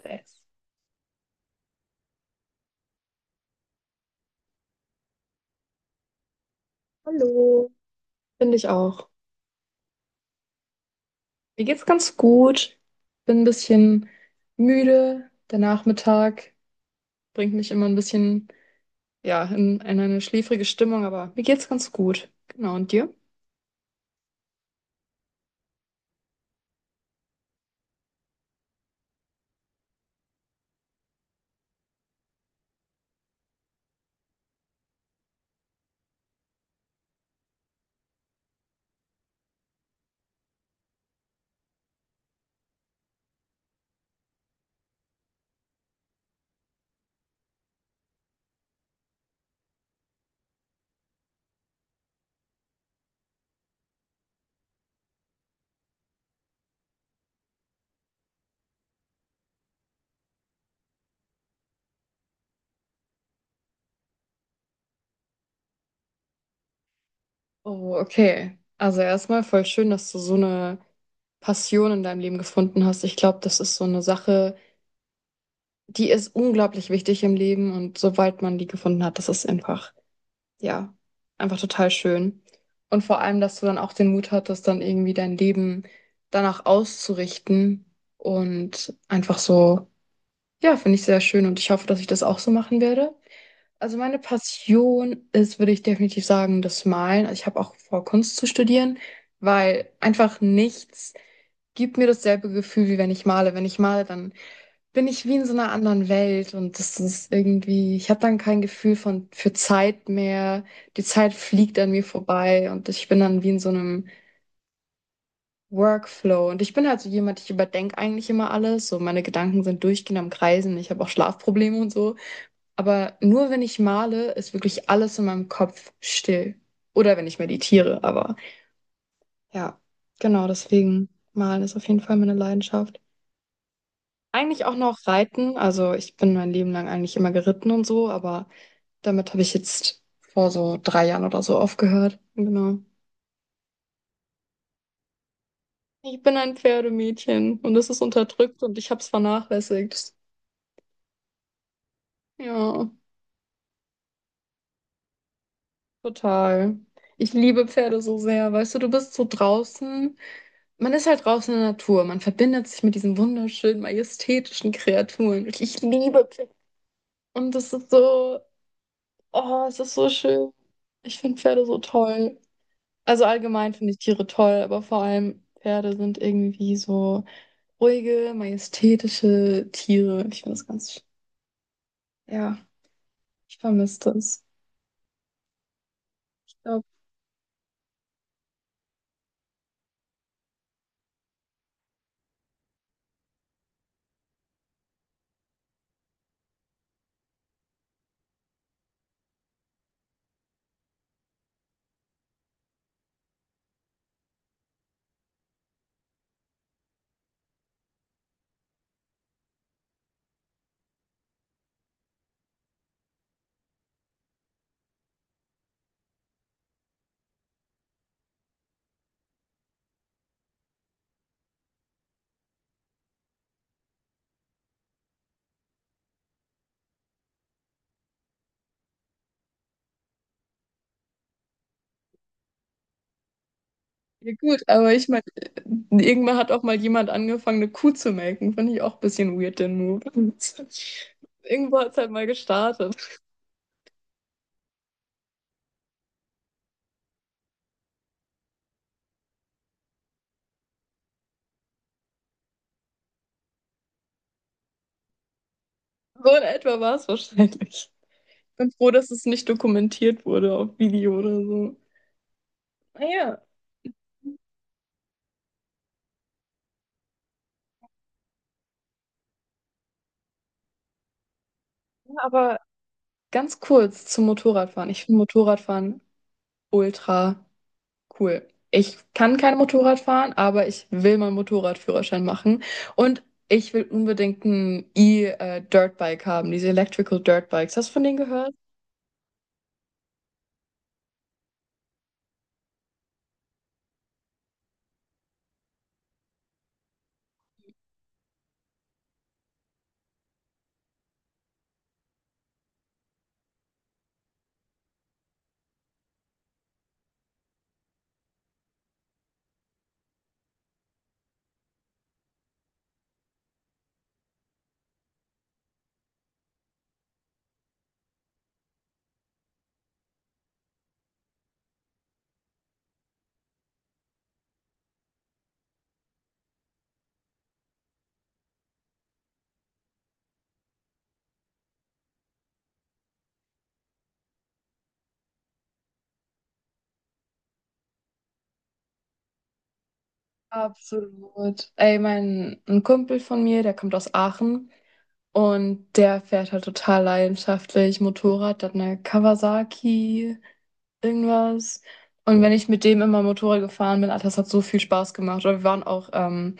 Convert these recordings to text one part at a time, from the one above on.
Stress. Hallo. Finde ich auch. Mir geht's ganz gut. Bin ein bisschen müde. Der Nachmittag bringt mich immer ein bisschen, ja, in eine schläfrige Stimmung, aber mir geht's ganz gut. Genau, und dir? Oh, okay. Also erstmal voll schön, dass du so eine Passion in deinem Leben gefunden hast. Ich glaube, das ist so eine Sache, die ist unglaublich wichtig im Leben und sobald man die gefunden hat, das ist einfach ja, einfach total schön. Und vor allem, dass du dann auch den Mut hattest, dann irgendwie dein Leben danach auszurichten und einfach so, ja, finde ich sehr schön und ich hoffe, dass ich das auch so machen werde. Also meine Passion ist, würde ich definitiv sagen, das Malen. Also ich habe auch vor, Kunst zu studieren, weil einfach nichts gibt mir dasselbe Gefühl, wie wenn ich male. Wenn ich male, dann bin ich wie in so einer anderen Welt und das ist irgendwie, ich habe dann kein Gefühl von für Zeit mehr. Die Zeit fliegt an mir vorbei und ich bin dann wie in so einem Workflow. Und ich bin halt so jemand, ich überdenke eigentlich immer alles. So meine Gedanken sind durchgehend am Kreisen. Ich habe auch Schlafprobleme und so. Aber nur wenn ich male, ist wirklich alles in meinem Kopf still. Oder wenn ich meditiere, aber ja, genau deswegen malen ist auf jeden Fall meine Leidenschaft. Eigentlich auch noch Reiten, also ich bin mein Leben lang eigentlich immer geritten und so, aber damit habe ich jetzt vor so 3 Jahren oder so aufgehört. Genau. Ich bin ein Pferdemädchen und es ist unterdrückt und ich habe es vernachlässigt. Ja, total. Ich liebe Pferde so sehr. Weißt du, du bist so draußen. Man ist halt draußen in der Natur. Man verbindet sich mit diesen wunderschönen, majestätischen Kreaturen. Ich liebe Pferde. Und das ist so, oh, es ist so schön. Ich finde Pferde so toll. Also allgemein finde ich Tiere toll, aber vor allem Pferde sind irgendwie so ruhige, majestätische Tiere. Ich finde das ganz, ja, ich vermisse das. Ich glaube, ja gut, aber ich meine, irgendwann hat auch mal jemand angefangen, eine Kuh zu melken. Finde ich auch ein bisschen weird, den Move. Irgendwo hat es halt mal gestartet. So in etwa war es wahrscheinlich. Bin froh, dass es nicht dokumentiert wurde auf Video oder so. Naja, aber ganz kurz zum Motorradfahren. Ich finde Motorradfahren ultra cool. Ich kann kein Motorrad fahren, aber ich will meinen Motorradführerschein machen. Und ich will unbedingt ein E-Dirtbike haben, diese Electrical Dirtbikes. Hast du von denen gehört? Absolut. Ey, mein ein Kumpel von mir, der kommt aus Aachen und der fährt halt total leidenschaftlich Motorrad, der hat eine Kawasaki, irgendwas. Und wenn ich mit dem immer Motorrad gefahren bin, Alter, das hat so viel Spaß gemacht. Oder wir waren auch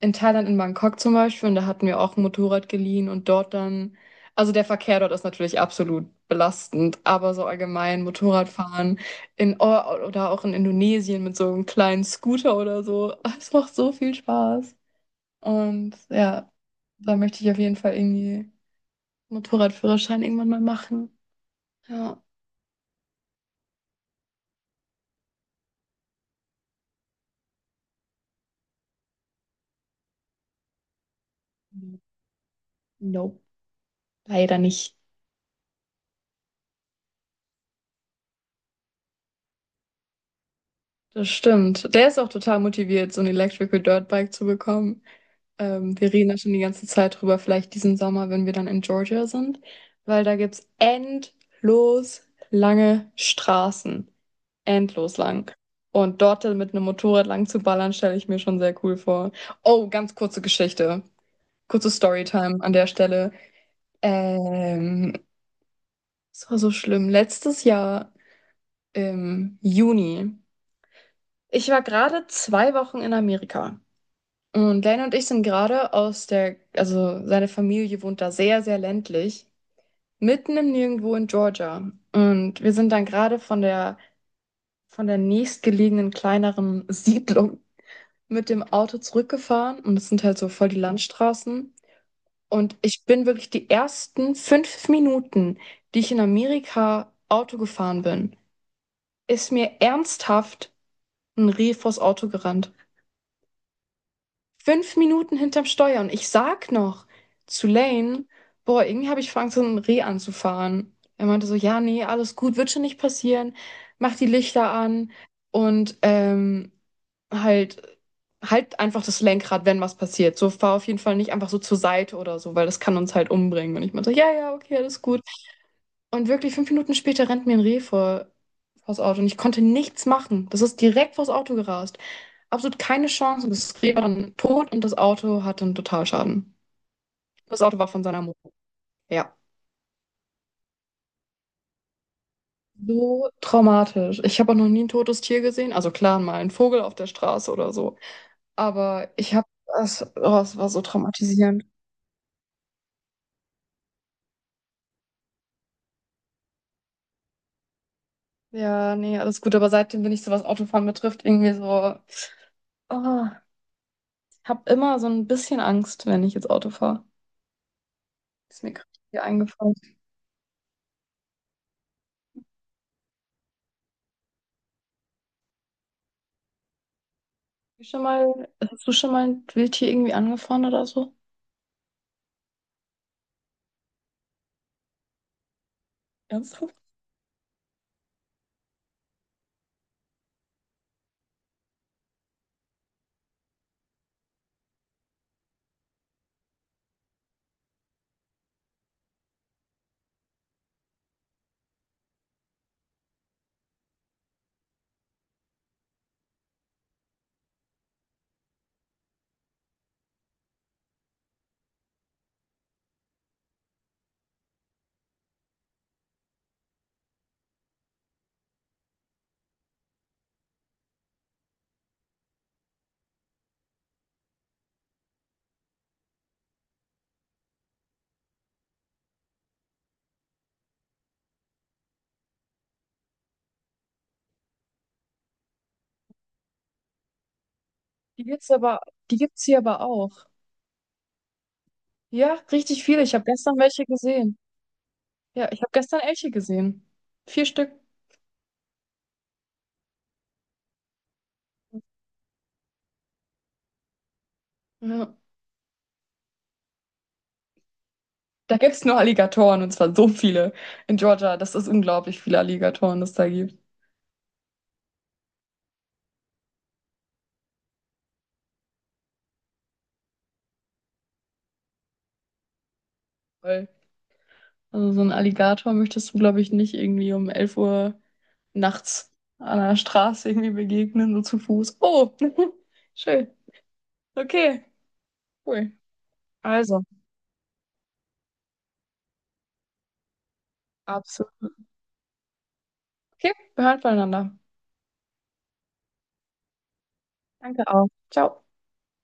in Thailand, in Bangkok zum Beispiel, und da hatten wir auch ein Motorrad geliehen und dort dann, also der Verkehr dort ist natürlich absolut belastend, aber so allgemein Motorradfahren. In o Oder auch in Indonesien mit so einem kleinen Scooter oder so. Es macht so viel Spaß. Und ja, da möchte ich auf jeden Fall irgendwie Motorradführerschein irgendwann mal machen. Ja. Nope, leider nicht. Das stimmt. Der ist auch total motiviert, so 'n Electrical Dirtbike zu bekommen. Wir reden da schon die ganze Zeit drüber, vielleicht diesen Sommer, wenn wir dann in Georgia sind, weil da gibt's endlos lange Straßen. Endlos lang. Und dort dann mit einem Motorrad lang zu ballern, stelle ich mir schon sehr cool vor. Oh, ganz kurze Geschichte. Kurze Storytime an der Stelle. Ähm, Es war so schlimm. Letztes Jahr im Juni. Ich war gerade 2 Wochen in Amerika. Und Lane und ich sind gerade aus der, also seine Familie wohnt da sehr, sehr ländlich, mitten im Nirgendwo in Georgia. Und wir sind dann gerade von der nächstgelegenen kleineren Siedlung mit dem Auto zurückgefahren und das sind halt so voll die Landstraßen. Und ich bin wirklich die ersten 5 Minuten, die ich in Amerika Auto gefahren bin, ist mir ernsthaft ein Reh vors Auto gerannt. Fünf Minuten hinterm Steuer und ich sag noch zu Lane, boah, irgendwie habe ich vor Angst, so ein Reh anzufahren. Er meinte so, ja, nee, alles gut, wird schon nicht passieren. Mach die Lichter an und halt, halt einfach das Lenkrad, wenn was passiert. So fahr auf jeden Fall nicht einfach so zur Seite oder so, weil das kann uns halt umbringen. Und ich meinte so, ja, ja, okay, alles gut. Und wirklich 5 Minuten später rennt mir ein Reh vors Auto und ich konnte nichts machen. Das ist direkt vors Auto gerast. Absolut keine Chance. Und das Reh war dann tot und das Auto hatte einen Totalschaden. Das Auto war von seiner Mutter. Ja. So traumatisch. Ich habe auch noch nie ein totes Tier gesehen. Also klar, mal ein Vogel auf der Straße oder so. Aber ich habe, es, oh, es war so traumatisierend. Ja, nee, alles gut. Aber seitdem bin ich so, was Autofahren betrifft, irgendwie so, oh, ich habe immer so ein bisschen Angst, wenn ich jetzt Auto fahre. Ist mir gerade hier eingefallen. Hast du schon mal ein Wildtier irgendwie angefahren oder so? Ernsthaft? Die gibt's aber, die gibt's hier aber auch. Ja, richtig viele. Ich habe gestern welche gesehen. Ja, ich habe gestern Elche gesehen. 4 Stück. Ja. Da gibt's nur Alligatoren und zwar so viele in Georgia. Das ist unglaublich viele Alligatoren, das da gibt. Voll. Also so einen Alligator möchtest du, glaube ich, nicht irgendwie um 11 Uhr nachts an der Straße irgendwie begegnen, so zu Fuß. Oh, schön. Okay. Cool. Also, absolut. Okay, wir hören voneinander. Danke auch. Ciao.